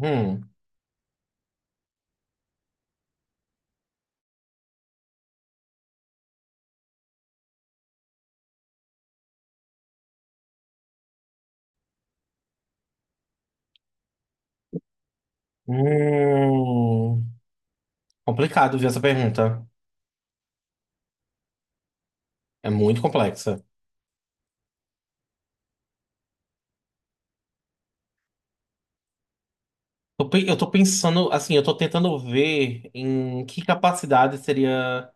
Hum. Hum. Complicado, viu, essa pergunta. É muito complexa. Eu tô pensando, assim, eu tô tentando ver em que capacidade seria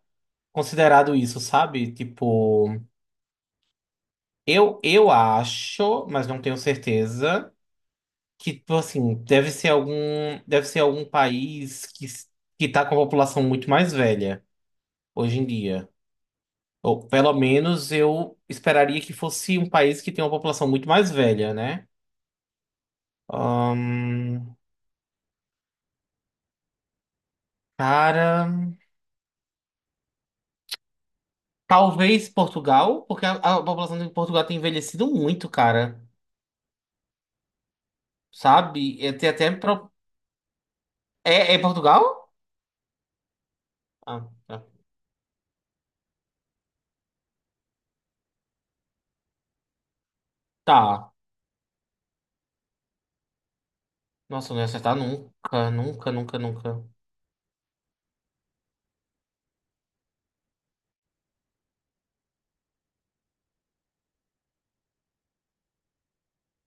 considerado isso, sabe? Tipo, eu acho, mas não tenho certeza, que, tipo assim, deve ser algum país que, que tá com a população muito mais velha hoje em dia. Ou pelo menos eu esperaria que fosse um país que tem uma população muito mais velha, né? Ahn, Cara, talvez Portugal, porque a população de Portugal tem envelhecido muito, cara. Sabe? É, é Portugal? Ah, tá. Tá. Nossa, não ia acertar nunca, nunca, nunca, nunca.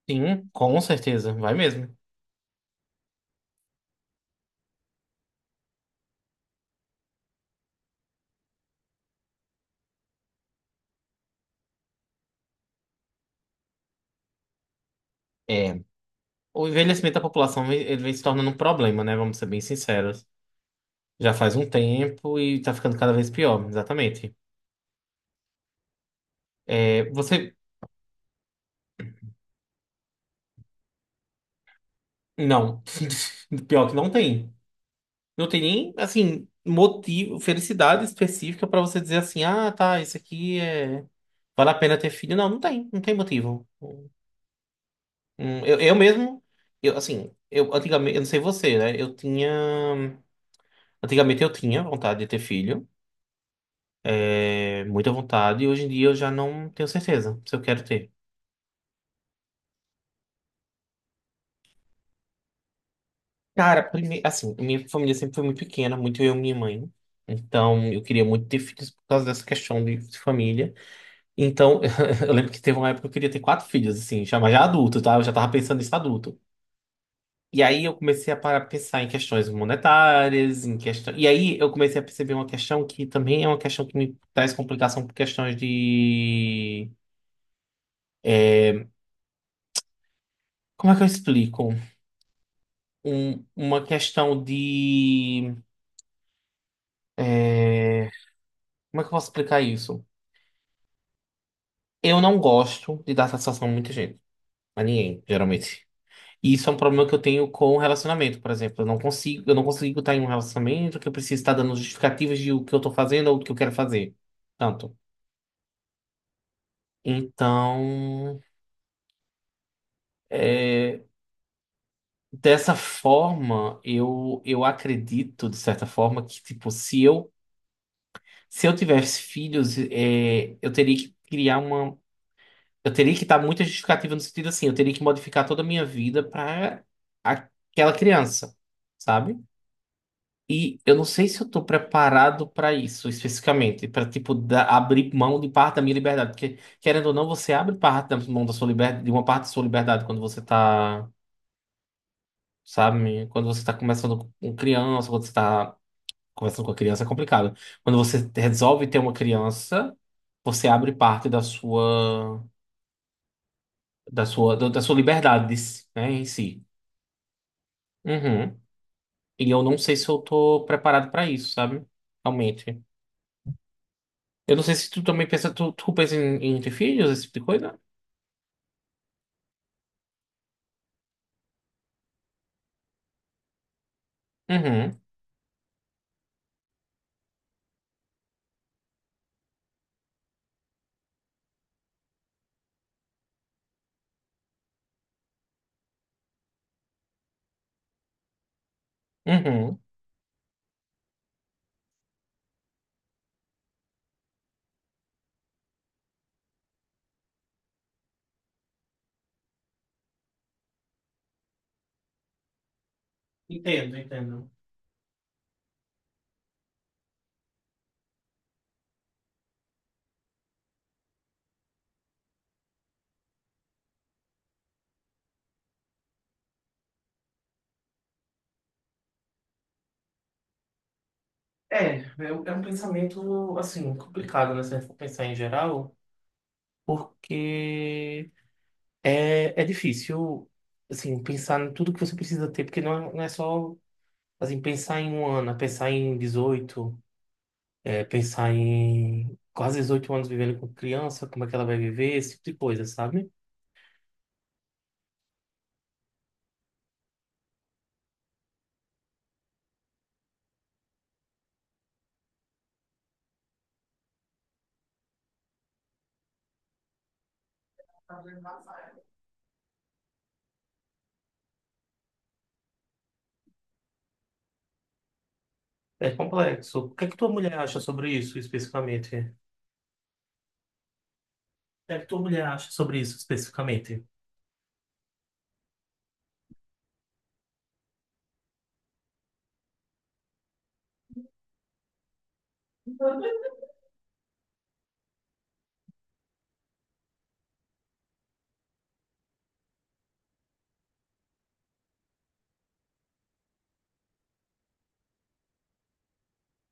Sim, com certeza, vai mesmo. É. O envelhecimento da ele vem se tornando um problema, né? Vamos ser bem sinceros. Já faz um tempo e tá ficando cada vez pior, exatamente. É, você. Não. Pior que não tem. Não tem nem, assim, motivo, felicidade específica pra você dizer assim, ah, tá, isso aqui é vale a pena ter filho. Não, não tem, não tem motivo. Eu mesmo, eu, assim, eu antigamente, eu não sei você, né? Eu tinha, antigamente eu tinha vontade de ter filho, muita vontade, e hoje em dia eu já não tenho certeza se eu quero ter. Cara, assim, minha família sempre foi muito pequena, muito eu e minha mãe. Então, eu queria muito ter filhos por causa dessa questão de família. Então, eu lembro que teve uma época que eu queria ter quatro filhos, assim, já, mas já adulto, tá? Eu já tava pensando nisso adulto. E aí eu comecei a parar, pensar em questões monetárias, em questão. E aí eu comecei a perceber uma questão que também é uma questão que me traz complicação por questões de. Como é que eu explico? Uma questão de é, como é que eu posso explicar isso? Eu não gosto de dar satisfação a muita gente, a ninguém, geralmente. E isso é um problema que eu tenho com o relacionamento, por exemplo. Eu não consigo estar em um relacionamento que eu preciso estar dando justificativas de o que eu estou fazendo ou do que eu quero fazer. Tanto. Então, é, dessa forma, eu acredito, de certa forma, que, tipo, se eu tivesse filhos, eu teria que criar uma. Eu teria que dar muita justificativa no sentido assim, eu teria que modificar toda a minha vida para aquela criança, sabe? E eu não sei se eu tô preparado para isso especificamente, para abrir mão de parte da minha liberdade, porque querendo ou não, você abre parte da mão da sua liberdade, de uma parte da sua liberdade quando você tá, sabe, quando você tá começando com criança, quando você tá conversando com a criança é complicado. Quando você resolve ter uma criança, você abre parte da sua da sua liberdade, né, em si. Uhum. E eu não sei se eu tô preparado para isso, sabe? Realmente. Eu não sei se tu também pensa, tu pensa em, em ter filhos, esse tipo de coisa? Uhum, uhum. Entendo, entendo. É um pensamento, assim, complicado, né? Se a gente for pensar em geral, porque é difícil, assim, pensar em tudo que você precisa ter, porque não é só, assim, pensar em um ano, é pensar em 18, é, pensar em quase 18 anos vivendo com criança, como é que ela vai viver, esse tipo de coisa, sabe? É complexo. O que é que tua mulher acha sobre isso especificamente? O que é que tua mulher acha sobre isso especificamente?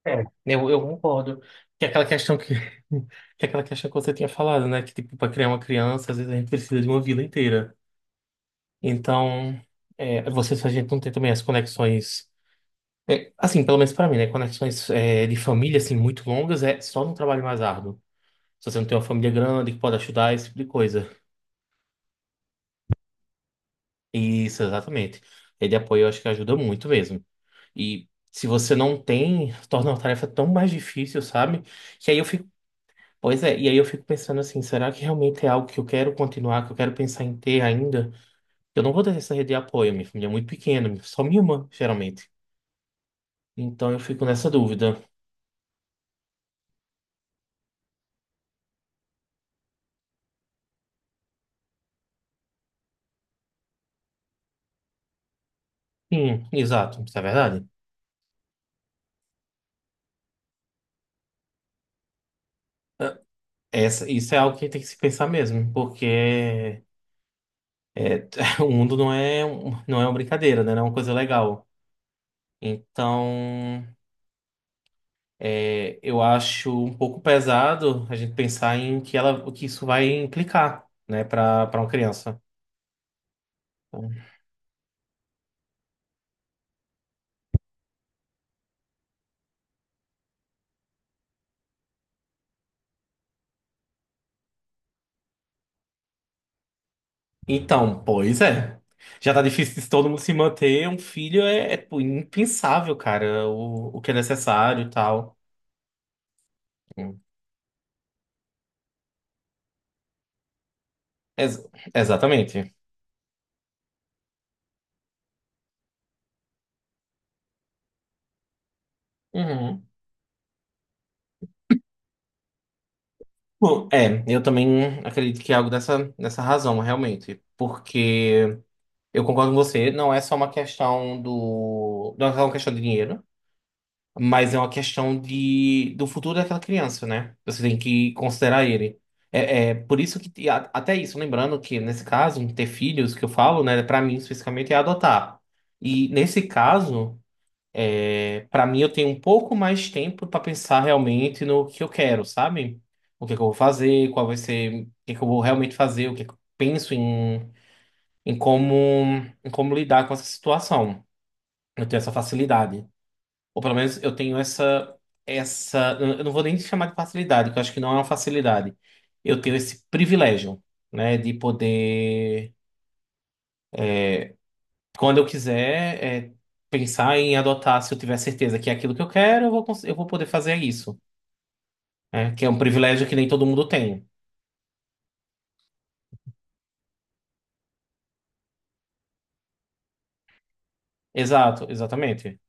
Eu concordo. Que é aquela questão que, que é aquela questão que você tinha falado, né? Que tipo, para criar uma criança, às vezes a gente precisa de uma vida inteira. Então, você, se a gente não tem também as conexões. É, assim, pelo menos pra mim, né? Conexões é, de família, assim, muito longas é só num trabalho mais árduo. Se você não tem uma família grande que pode ajudar, esse tipo de coisa. Isso, exatamente. É de apoio, eu acho que ajuda muito mesmo. E se você não tem, torna a tarefa tão mais difícil, sabe? Que aí eu fico, pois é, e aí eu fico pensando assim, será que realmente é algo que eu quero continuar, que eu quero pensar em ter ainda? Eu não vou ter essa rede de apoio, minha família é muito pequena, só minha irmã, geralmente. Então eu fico nessa dúvida. Sim, exato, isso é verdade. Essa, isso é algo que tem que se pensar mesmo, porque é, o mundo não é, não é uma brincadeira, né? Não é uma coisa legal. Então, eu acho um pouco pesado a gente pensar em que ela, o que isso vai implicar, né, para uma criança. Então, pois é. Já tá difícil de todo mundo se manter. Um filho pô, impensável, cara, o que é necessário e tal. Hum. Ex- exatamente. Uhum. Bom, é, eu também acredito que é algo dessa, dessa razão, realmente. Porque eu concordo com você, não é só uma questão do. Não é só uma questão de dinheiro, mas é uma questão de, do futuro daquela criança, né? Você tem que considerar ele. É, é por isso que, até isso, lembrando que nesse caso, ter filhos, que eu falo, né, pra mim especificamente é adotar. E nesse caso. É, para mim, eu tenho um pouco mais tempo para pensar realmente no que eu quero, sabe? O que que eu vou fazer, qual vai ser, o que que eu vou realmente fazer, o que que eu penso em, em como, em como lidar com essa situação. Eu tenho essa facilidade. Ou pelo menos eu tenho essa, essa, eu não vou nem chamar de facilidade, que eu acho que não é uma facilidade. Eu tenho esse privilégio, né, de poder, quando eu quiser, é, pensar em adotar, se eu tiver certeza que é aquilo que eu quero, eu vou, eu vou poder fazer isso. Né? Que é um privilégio que nem todo mundo tem. Exato, exatamente.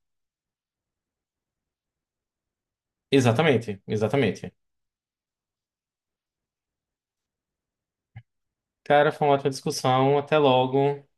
Exatamente, exatamente. Cara, foi uma ótima discussão. Até logo.